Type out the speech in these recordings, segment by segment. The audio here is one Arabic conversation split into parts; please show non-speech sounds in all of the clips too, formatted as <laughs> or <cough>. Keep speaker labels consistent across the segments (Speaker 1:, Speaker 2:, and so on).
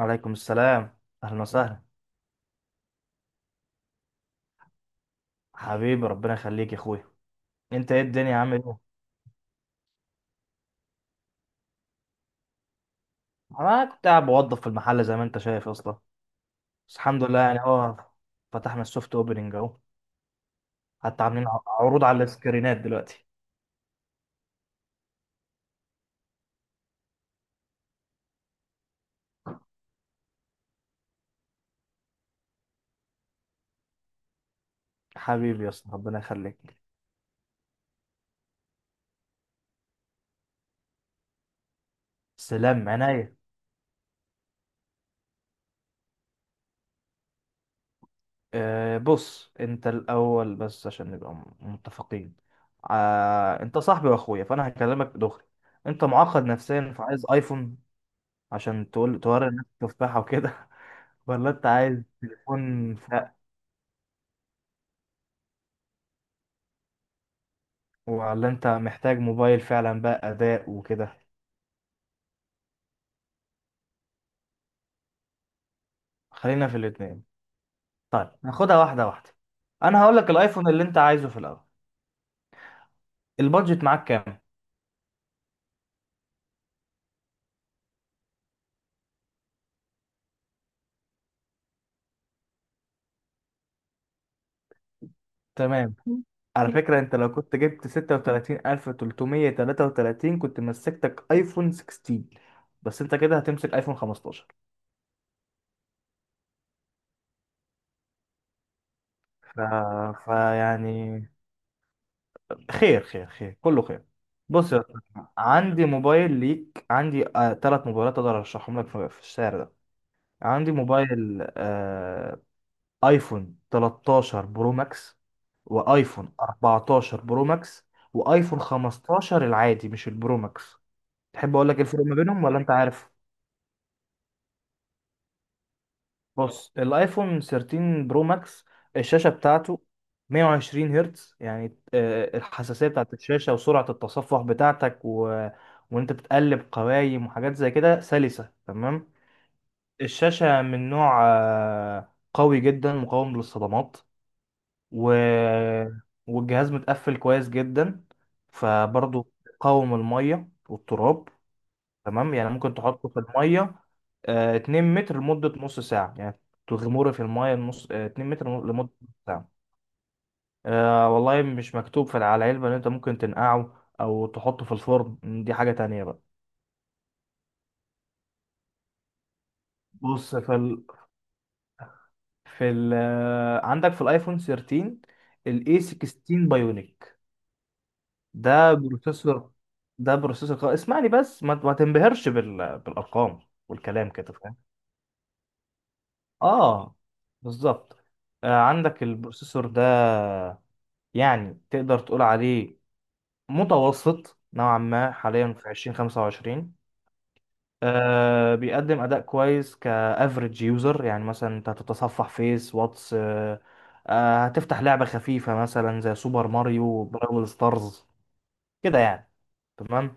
Speaker 1: عليكم السلام، اهلا وسهلا. حبيبي ربنا يخليك يا اخويا. انت ايه؟ الدنيا عامل ايه؟ انا كنت قاعد بوظف في المحل زي ما انت شايف اصلا. بس الحمد لله يعني اهو. فتحنا السوفت اوبننج اهو. حتى عاملين عروض على السكرينات دلوقتي. حبيبي يا اسطى ربنا يخليك. سلام عينيا. بص انت الاول بس عشان نبقى متفقين. انت صاحبي واخويا فانا هكلمك دغري. انت معقد نفسيا فعايز ايفون عشان تقول توري الناس التفاحه وكده. ولا انت عايز تليفون فق. ولا انت محتاج موبايل فعلا بقى اداء وكده. خلينا في الاتنين. طيب ناخدها واحده واحده. انا هقول لك الايفون اللي انت عايزه في الاول. البادجت معاك كام؟ تمام. على <laughs> فكره، انت لو كنت جبت 36,333 كنت مسكتك ايفون 16. بس انت كده هتمسك ايفون 15. ف... فيعني خير خير خير كله خير. بص يا أسطى، عندي موبايل ليك. عندي 3 موبايلات اقدر ارشحهم لك في السعر ده. عندي موبايل ايفون 13 برو ماكس، وايفون 14 برو ماكس، وايفون 15 العادي مش البرو ماكس. تحب اقول لك إيه الفرق ما بينهم ولا انت عارف؟ بص الايفون 13 برو ماكس الشاشه بتاعته 120 هرتز يعني، الحساسيه بتاعت الشاشه وسرعه التصفح بتاعتك، وانت بتقلب قوايم وحاجات زي كده سلسه تمام. الشاشه من نوع قوي جدا مقاوم للصدمات، و... والجهاز متقفل كويس جدا. فبرضه قاوم الميه والتراب. تمام يعني ممكن تحطه في المية، 2 متر لمدة نص ساعة يعني. تغمره في المية نص 2 متر لمدة نص ساعة. والله مش مكتوب في على العلبة إن أنت ممكن تنقعه أو تحطه في الفرن. دي حاجة تانية بقى. بص في ال... في ال... آه، عندك في الآيفون 13 ال A16 بايونيك. ده بروسيسور ده بروسيسور قوي. اسمعني بس ما تنبهرش بالأرقام والكلام كده فاهم. آه بالظبط. عندك البروسيسور ده يعني تقدر تقول عليه متوسط نوعا ما حاليا في 2025. بيقدم اداء كويس كافريج يوزر يعني مثلا انت هتتصفح فيس واتس هتفتح لعبة خفيفة مثلا زي سوبر ماريو براول ستارز كده يعني تمام.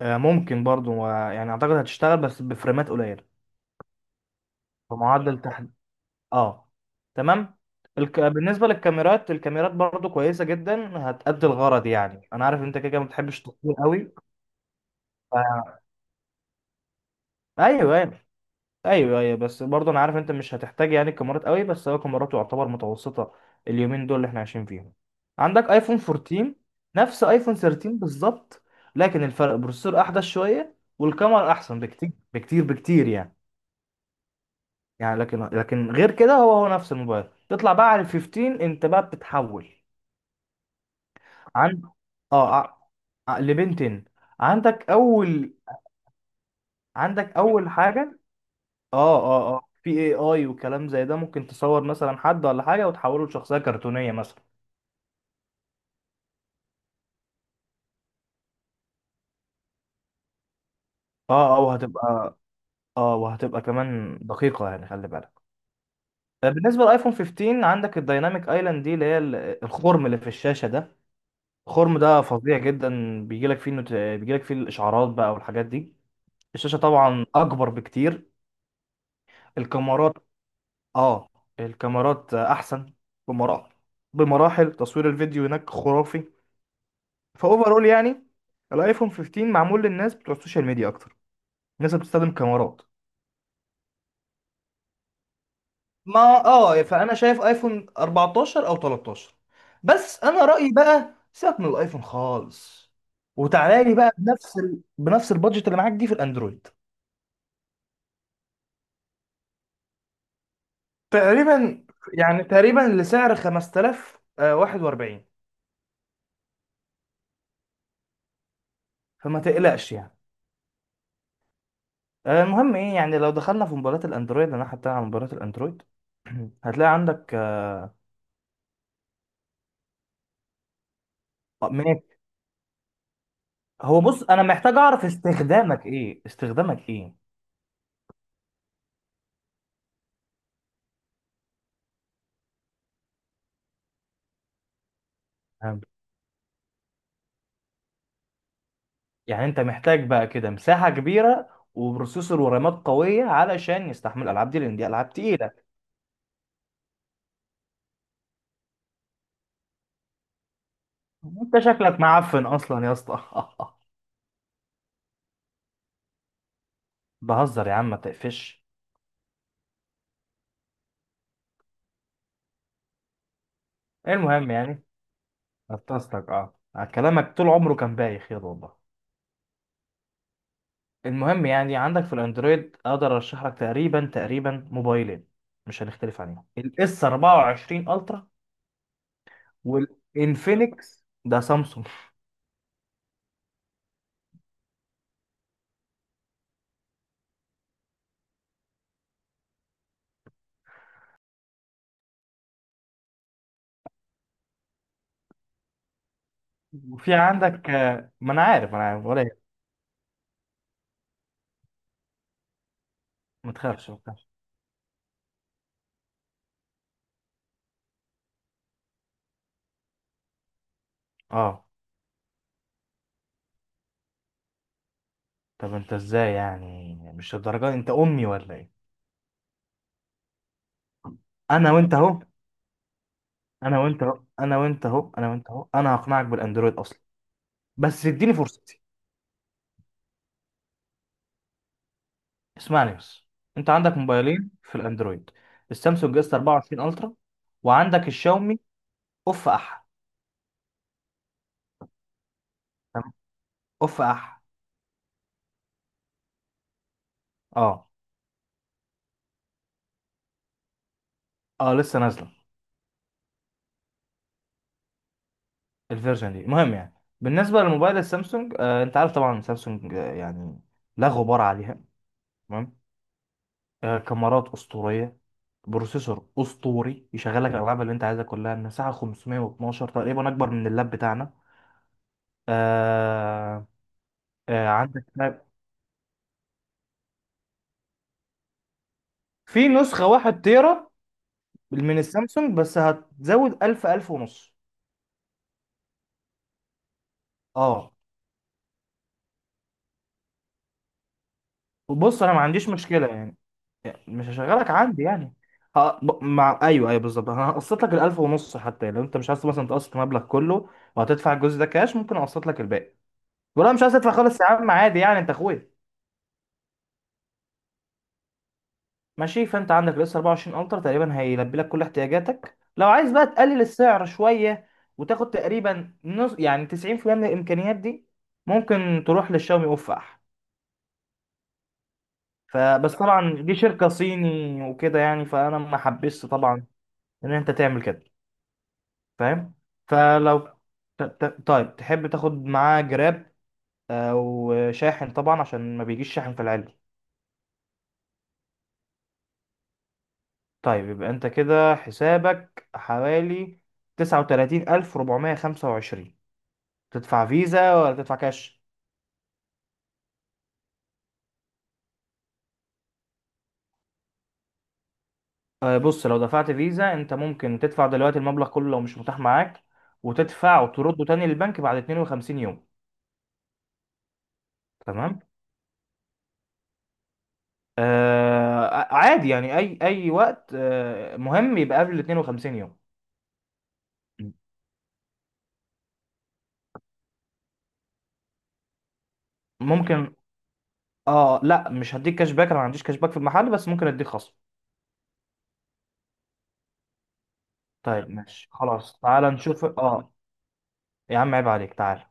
Speaker 1: ممكن برضو، يعني اعتقد هتشتغل بس بفريمات قليلة بمعدل تحد. اه تمام. بالنسبة للكاميرات. برضو كويسة جدا هتأدي الغرض. يعني أنا عارف أنت كده كده ما بتحبش التصوير قوي. ف- ايوه، ايوه، ايوه، ايوه، بس برضه انا عارف انت مش هتحتاج يعني الكاميرات قوي. بس هو كاميراته يعتبر متوسطه اليومين دول اللي احنا عايشين فيهم. عندك ايفون 14 نفس ايفون 13 بالظبط. لكن الفرق بروسيسور احدث شويه والكاميرا احسن بكتير بكتير بكتير يعني. يعني لكن غير كده هو هو نفس الموبايل. تطلع بقى على ال 15 انت بقى بتتحول. عن اه ع- ع- لبنتين. عندك اول عندك اول حاجه. اه اه في اي اي وكلام زي ده ممكن تصور مثلا حد ولا حاجه وتحوله لشخصيه كرتونيه مثلا. اه اه وهتبقى اه وهتبقى كمان دقيقه يعني خلي بالك. بالنسبه للايفون 15 عندك الدايناميك ايلاند دي اللي هي الخرم اللي في الشاشه ده. الخرم ده فظيع جدا. بيجيلك فيه الاشعارات بقى والحاجات دي. الشاشه طبعا اكبر بكتير. الكاميرات اه الكاميرات احسن بمراحل بمراحل. تصوير الفيديو هناك خرافي فاوفرول يعني. الايفون 15 معمول للناس بتوع السوشيال ميديا اكتر. الناس اللي بتستخدم كاميرات. ما اه فانا شايف ايفون 14 او 13. بس انا رايي بقى سيبك من الايفون خالص وتعالى لي بقى بنفس البادجت اللي معاك دي في الاندرويد. تقريبا تقريبا لسعر 5041. فما تقلقش يعني. المهم ايه يعني. لو دخلنا في موبايلات الاندرويد، انا حتى على موبايلات الاندرويد <clears throat> هتلاقي عندك. هو بص انا محتاج اعرف استخدامك ايه. استخدامك ايه؟ فهمت. يعني انت محتاج بقى كده مساحة كبيرة وبروسيسور ورامات قوية علشان يستحمل الالعاب دي لان دي العاب تقيلة. انت شكلك معفن اصلا يا اسطى. <laughs> بهزر يا عم ما تقفش. المهم يعني. نفستك كلامك طول عمره كان بايخ يلا والله. المهم يعني عندك في الاندرويد اقدر ارشح لك تقريبا موبايلين مش هنختلف عليهم. الاس 24 الترا والانفينكس ده سامسونج. <laughs> وفي عندك. ما انا عارف انا عارف ولا إيه. ما تخافش ما تخافش. اه، طب انت ازاي يعني مش الدرجه دي؟ انت امي ولا ايه؟ انا وانت اهو انا وانت اهو انا وانت اهو انا وانت اهو. انا هقنعك بالاندرويد اصلا. بس اديني فرصتي. اسمعني بس. انت عندك موبايلين في الاندرويد، السامسونج اس 24 الترا، وعندك الشاومي اوف اح. تمام؟ اوف اح. اه اه لسه نازله. الفيرجن دي المهم يعني. بالنسبه للموبايل السامسونج، انت عارف طبعا سامسونج يعني لا غبار عليها. تمام. كاميرات اسطوريه، بروسيسور اسطوري يشغلك الالعاب اللي انت عايزها كلها. المساحه 512 تقريبا اكبر من اللاب بتاعنا. آه عندك في نسخه 1 تيرا من السامسونج بس هتزود 1000 ونص. اه، بص انا ما عنديش مشكله يعني مش هشغلك عندي يعني. ه... ب- مع ايوه، ايوه، بالظبط. انا هقسط لك الألف ونص حتى لو انت مش عايز مثلا تقسط المبلغ كله. وهتدفع الجزء ده كاش ممكن اقسط لك الباقي. ولا مش عايز تدفع خالص يا عم؟ عادي يعني انت اخويا. ماشي. فانت عندك الاس 24 الترا تقريبا هيلبي لك كل احتياجاتك. لو عايز بقى تقلل السعر شويه وتاخد تقريبا نص يعني 90% من الامكانيات دي. ممكن تروح للشاومي اوفح. فبس طبعا دي شركه صيني وكده يعني فانا ما حبسش طبعا ان انت تعمل كده. فاهم؟ فلو طيب تحب تاخد معاه جراب او شاحن طبعا عشان ما بيجيش شاحن في العلبه. طيب يبقى انت كده حسابك حوالي 39,405. تدفع فيزا ولا تدفع كاش؟ بص لو دفعت فيزا انت ممكن تدفع دلوقتي المبلغ كله لو مش متاح معاك. وتدفع وترده تاني للبنك بعد 52 يوم. تمام. عادي يعني اي وقت، مهم يبقى قبل 52 يوم. ممكن. اه، لا مش هديك كاش باك. انا ما عنديش كاش باك في المحل بس ممكن اديك خصم. طيب ماشي خلاص تعال نشوف. اه يا عم عيب عليك تعال.